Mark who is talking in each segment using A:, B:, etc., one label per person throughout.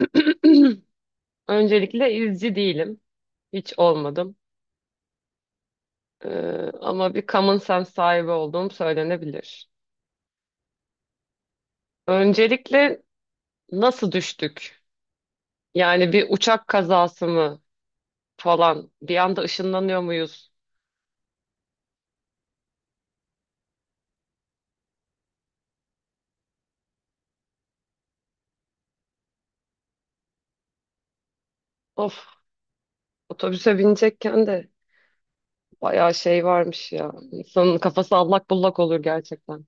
A: Öncelikle izci değilim. Hiç olmadım. Ama bir common sense sahibi olduğum söylenebilir. Öncelikle nasıl düştük? Yani bir uçak kazası mı falan? Bir anda ışınlanıyor muyuz? Of, otobüse binecekken de bayağı şey varmış ya. İnsanın kafası allak bullak olur gerçekten.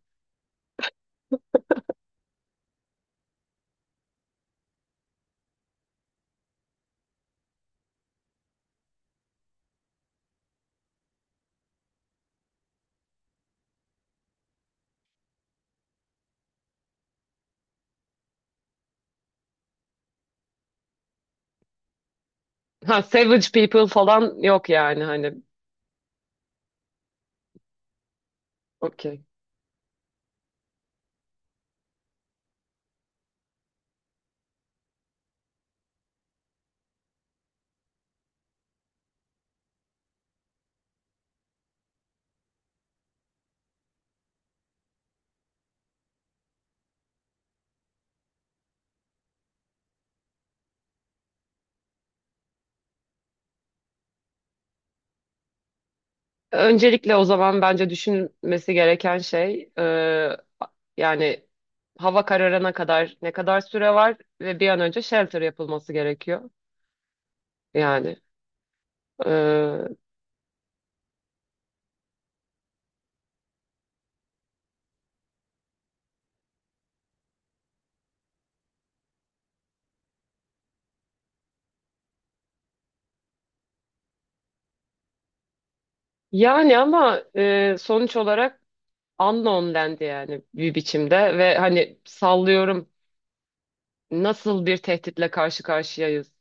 A: Ha, Savage People falan yok yani hani. Okey. Öncelikle o zaman bence düşünmesi gereken şey yani hava kararına kadar ne kadar süre var ve bir an önce shelter yapılması gerekiyor. Yani e, yani ama sonuç olarak unknown dendi yani bir biçimde ve hani sallıyorum nasıl bir tehditle karşı karşıyayız?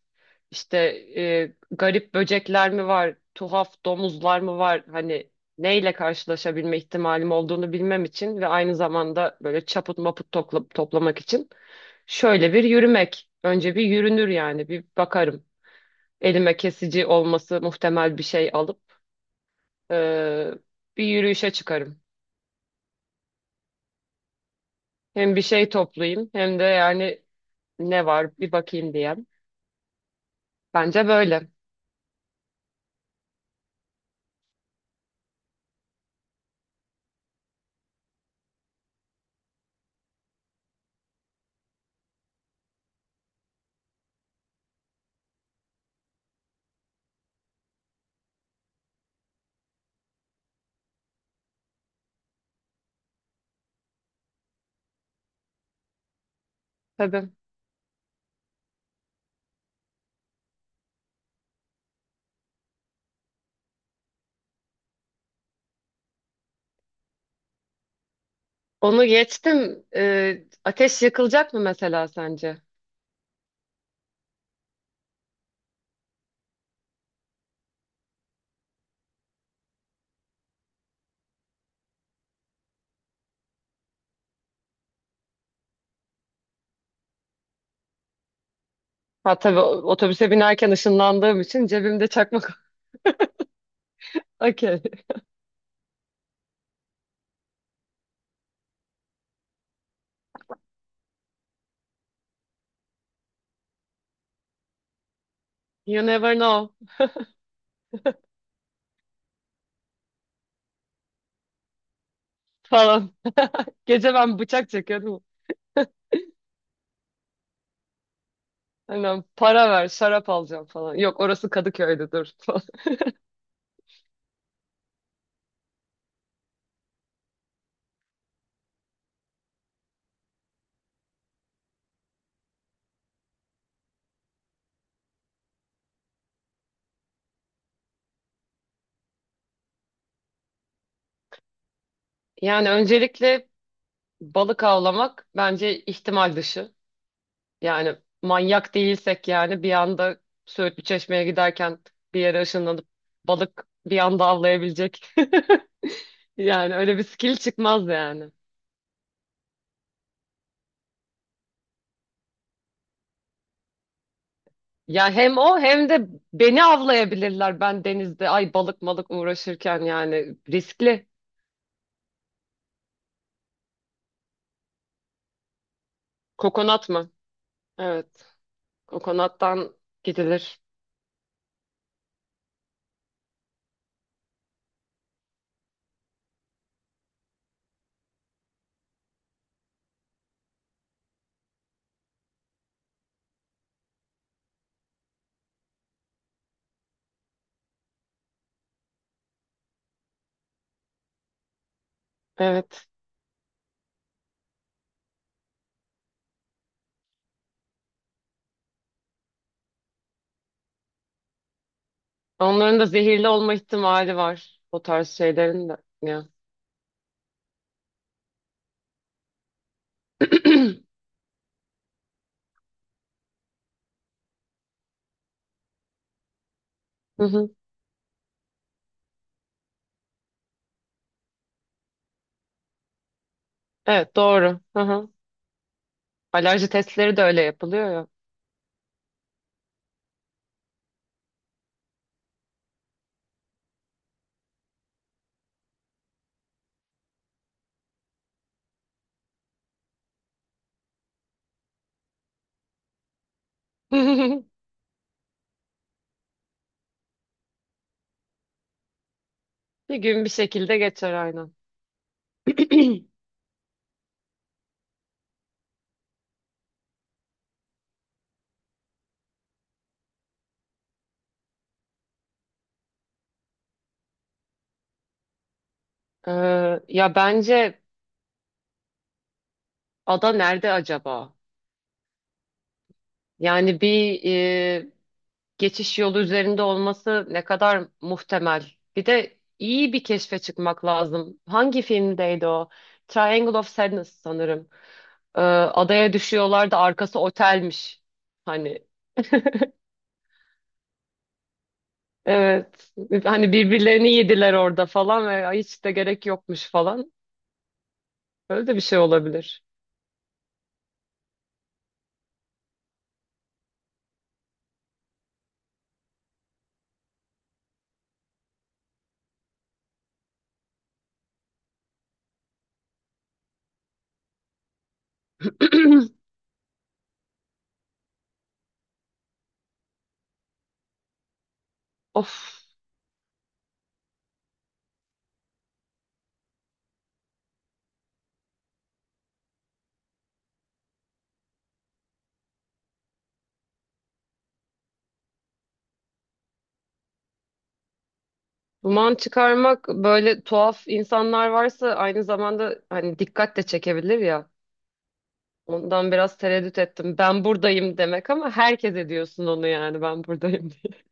A: İşte garip böcekler mi var, tuhaf domuzlar mı var? Hani neyle karşılaşabilme ihtimalim olduğunu bilmem için ve aynı zamanda böyle çaput maput toplamak için şöyle bir yürümek. Önce bir yürünür yani bir bakarım. Elime kesici olması muhtemel bir şey alıp e, bir yürüyüşe çıkarım. Hem bir şey toplayayım hem de yani ne var bir bakayım diyem. Bence böyle. Tabii. Onu geçtim. Ateş yakılacak mı mesela sence? Ha tabii otobüse binerken ışınlandığım için cebimde çakmak. Okay. You never know falan. Gece ben bıçak çekiyordum. Aynen para ver şarap alacağım falan. Yok orası Kadıköy'dü dur falan. Yani öncelikle balık avlamak bence ihtimal dışı. Yani manyak değilsek yani bir anda Söğütlü Çeşme'ye giderken bir yere ışınlanıp balık bir anda avlayabilecek. Yani öyle bir skill çıkmaz yani. Ya hem o hem de beni avlayabilirler ben denizde. Ay balık malık uğraşırken yani riskli. Kokonat mı? Evet. Kokonattan gidilir. Evet. Onların da zehirli olma ihtimali var. O tarz şeylerin de. Ya. Hı hı. Evet doğru. Hı hı. Alerji testleri de öyle yapılıyor ya. Bir gün bir şekilde geçer aynen. Ya bence ada nerede acaba? Yani bir geçiş yolu üzerinde olması ne kadar muhtemel. Bir de iyi bir keşfe çıkmak lazım. Hangi filmdeydi o? Triangle of Sadness sanırım. Adaya düşüyorlar da arkası otelmiş. Hani evet. Hani birbirlerini yediler orada falan ve "Ay, hiç de gerek yokmuş falan. Öyle de bir şey olabilir. Of, duman çıkarmak böyle tuhaf insanlar varsa aynı zamanda hani dikkat de çekebilir ya. Ondan biraz tereddüt ettim. Ben buradayım demek ama herkes ediyorsun onu yani ben buradayım diye.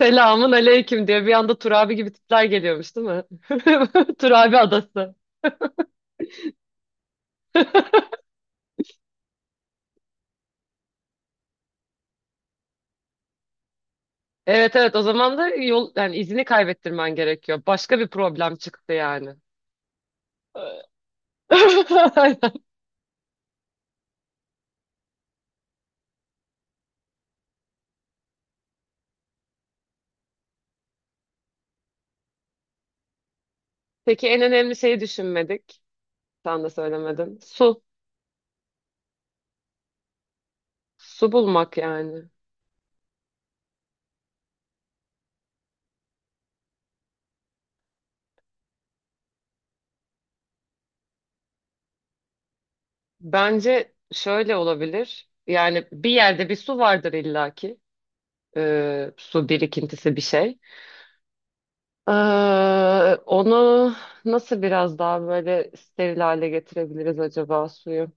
A: Selamun aleyküm diye bir anda Turabi gibi tipler geliyormuş değil mi? Turabi adası. Evet evet o zaman da yol yani izini kaybettirmen gerekiyor. Başka bir problem çıktı yani. Peki en önemli şeyi düşünmedik. Sen de söylemedin. Su. Su bulmak yani. Bence şöyle olabilir. Yani bir yerde bir su vardır illaki. Su birikintisi bir şey. Ee, onu nasıl biraz daha böyle steril hale getirebiliriz acaba suyu?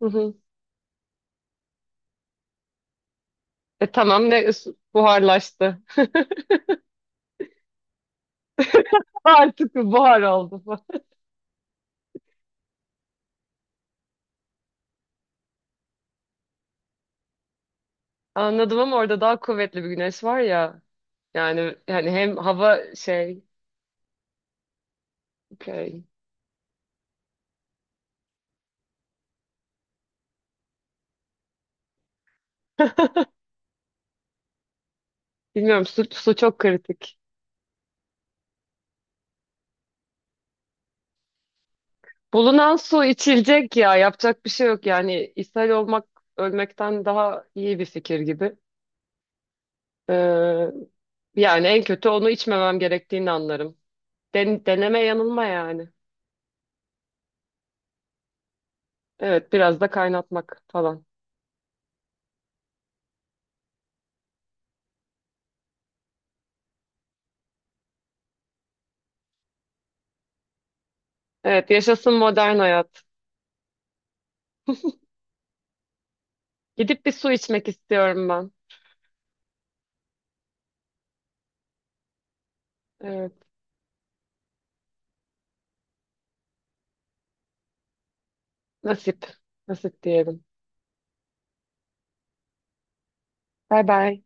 A: Hı hı. E tamam ne buharlaştı. Artık buhar oldu. Anladım ama orada daha kuvvetli bir güneş var ya. Yani hani hem hava şey Okay. Bilmiyorum su çok kritik. Bulunan su içilecek ya yapacak bir şey yok yani İshal olmak ölmekten daha iyi bir fikir gibi. Ee, yani en kötü onu içmemem gerektiğini anlarım. Deneme yanılma yani. Evet biraz da kaynatmak falan. Evet yaşasın modern hayat. Gidip bir su içmek istiyorum ben. Evet nasip nasip diyelim. Bay bay.